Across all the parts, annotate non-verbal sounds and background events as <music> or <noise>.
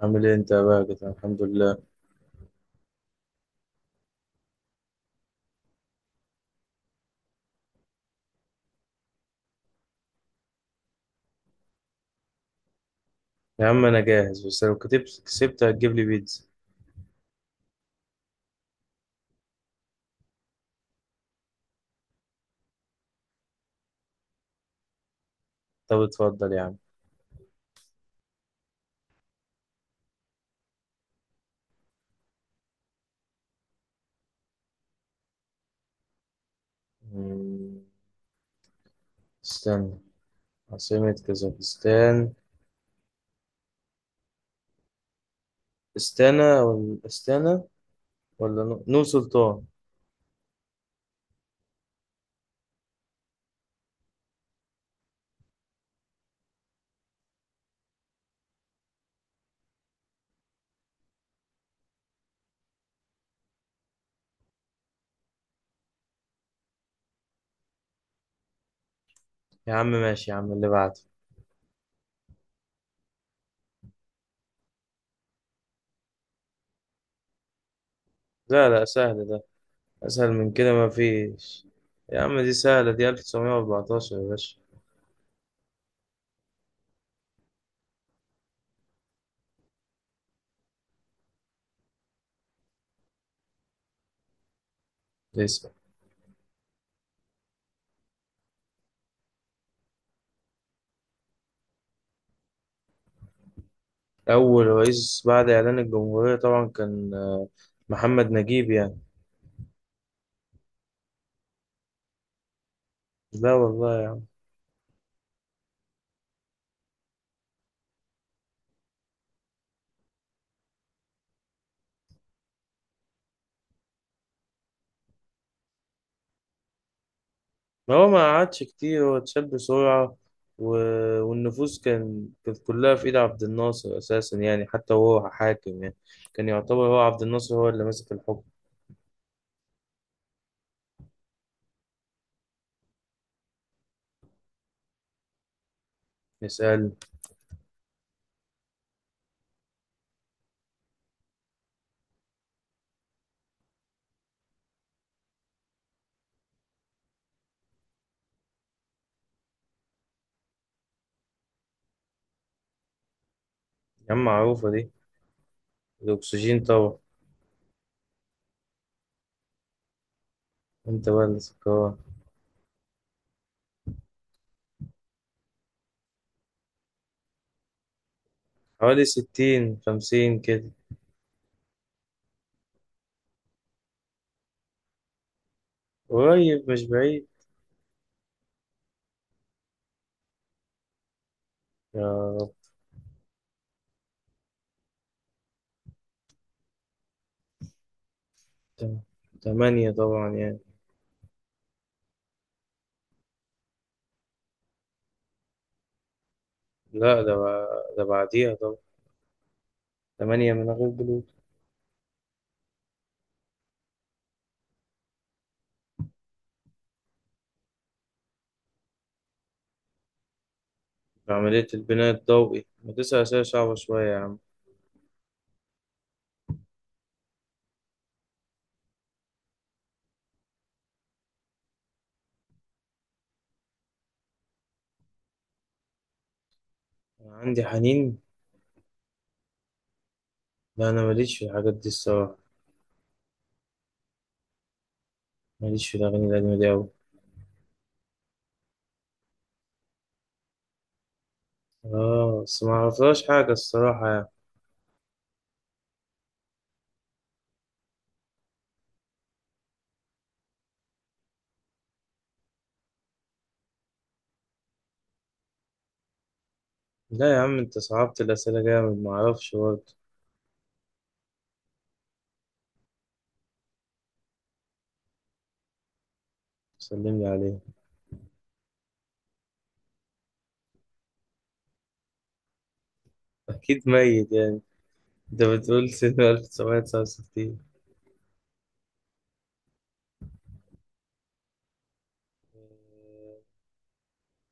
عامل ايه انت يا باجت؟ الحمد لله. يا عم انا جاهز، بس لو كتبت كسبت هتجيب لي بيتزا؟ طب اتفضل يا عم. مم، استنى، عاصمة كازاخستان استانا ولا استانا ولا نو سلطان؟ يا عم ماشي يا عم اللي بعده. لا، لا، سهل ده. اسهل من كده ما فيش. يا عم دي سهلة، دي 1914 يا باشا. اسأل. اول رئيس بعد اعلان الجمهورية طبعا كان محمد نجيب يعني. لا والله يا... ما هو ما قعدش كتير، هو اتشال بسرعة. و... والنفوذ كانت كلها في إيد عبد الناصر أساسا، يعني حتى وهو حاكم يعني. كان يعتبر هو عبد الناصر هو اللي ماسك الحكم. نسأل. يا عم معروفة دي، الأكسجين طبعا. أنت بقى اللي سكران. حوالي ستين خمسين كده. قريب مش بعيد. يا رب. تم- تمانية طبعا يعني. لا ده بعديها طبعا. تمانية من غير جلوكوز. عملية البناء الضوئي، ما تسعة أسئلة صعبة شوية يا عم. أنا عندي حنين. لا انا ماليش في الحاجات دي الصراحه. ماليش في الاغاني القديمه دي قوي. اه بس ما اعرفلهاش حاجه الصراحه يعني. لا يا عم انت صعبت الاسئله جامد، ما اعرفش برضه. سلم لي عليه. <laughs> اكيد ميت يعني. انت بتقول سنه 1969.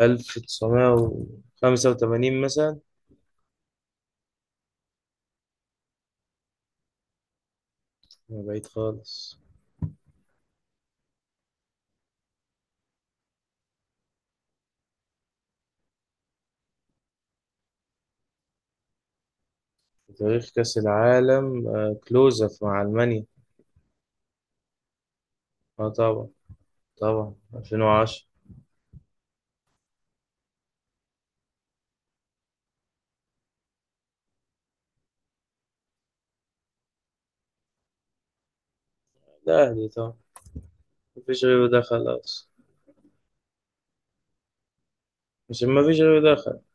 1985 مثلا. ما بعيد خالص. تاريخ كاس العالم كلوزف مع المانيا. اه طبعا. طبعا 2010. الاهلي طبعا. مفيش غيره، ده خلاص. مش مفيش غيره، ده خلاص.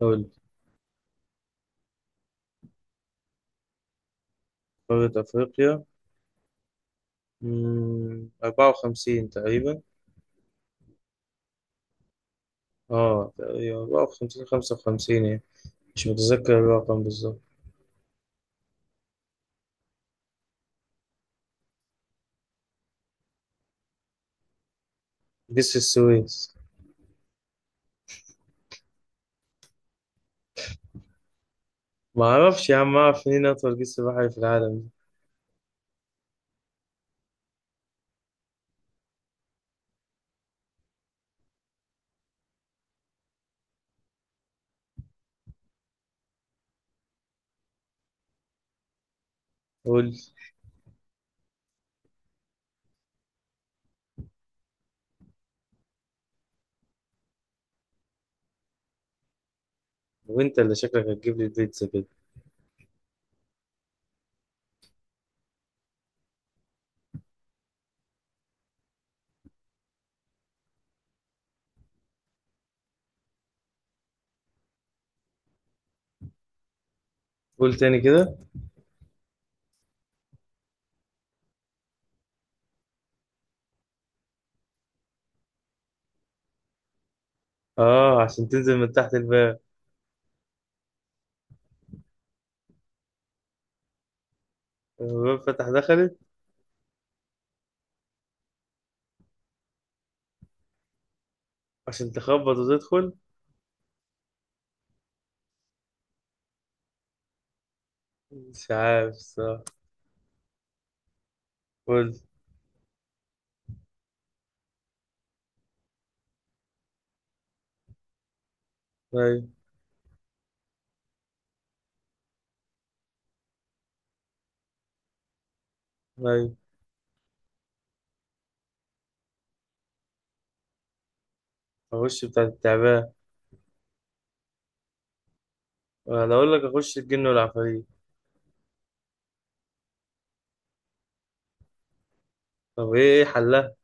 قول. قارة أفريقيا، 54 تقريبا. اه تقريبا 54 55 يعني. مش متذكر الرقم بالظبط. جسر السويس. ما اعرفش يا عم، اعرف منين اطول جسر بحري في العالم؟ قول. وانت اللي شكلك هتجيب لي البيتزا كده. قول تاني كده. اه عشان تنزل من تحت الباب. الباب فتح دخلت. عشان تخبط وتدخل. مش عارف الصراحة. قول. طيب. طيب. اخش بتاع التعبان. انا اقول لك اخش الجن والعفاريت. طب إيه حلها؟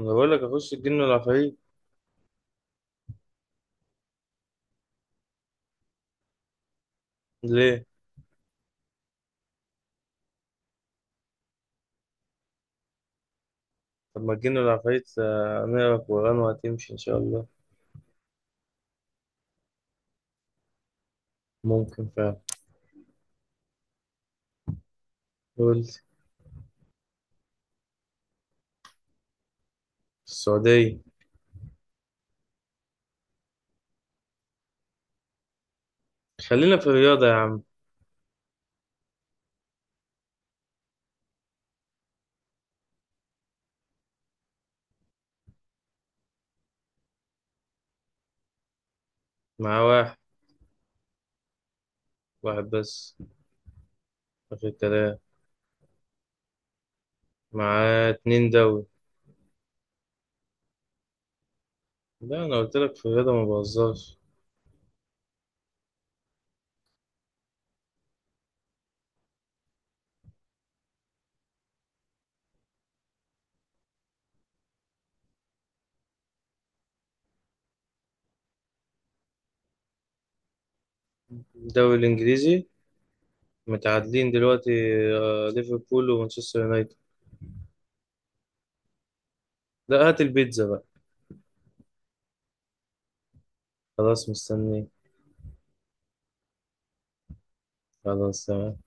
انا بقول لك اخش الجن والعفاريت. ليه؟ طب ما تجينا العفاريت، نقرا قرآن وهتمشي إن شاء الله. ممكن فعلا. قول. السعودية. خلينا في الرياضة يا عم. مع واحد. واحد بس. آخر الكلام. مع اتنين دوري. لا أنا قلت لك في الرياضة ما بهزرش. الدوري الإنجليزي. متعادلين دلوقتي. ليفربول ومانشستر يونايتد. لا، هات البيتزا بقى. خلاص مستني. خلاص تمام.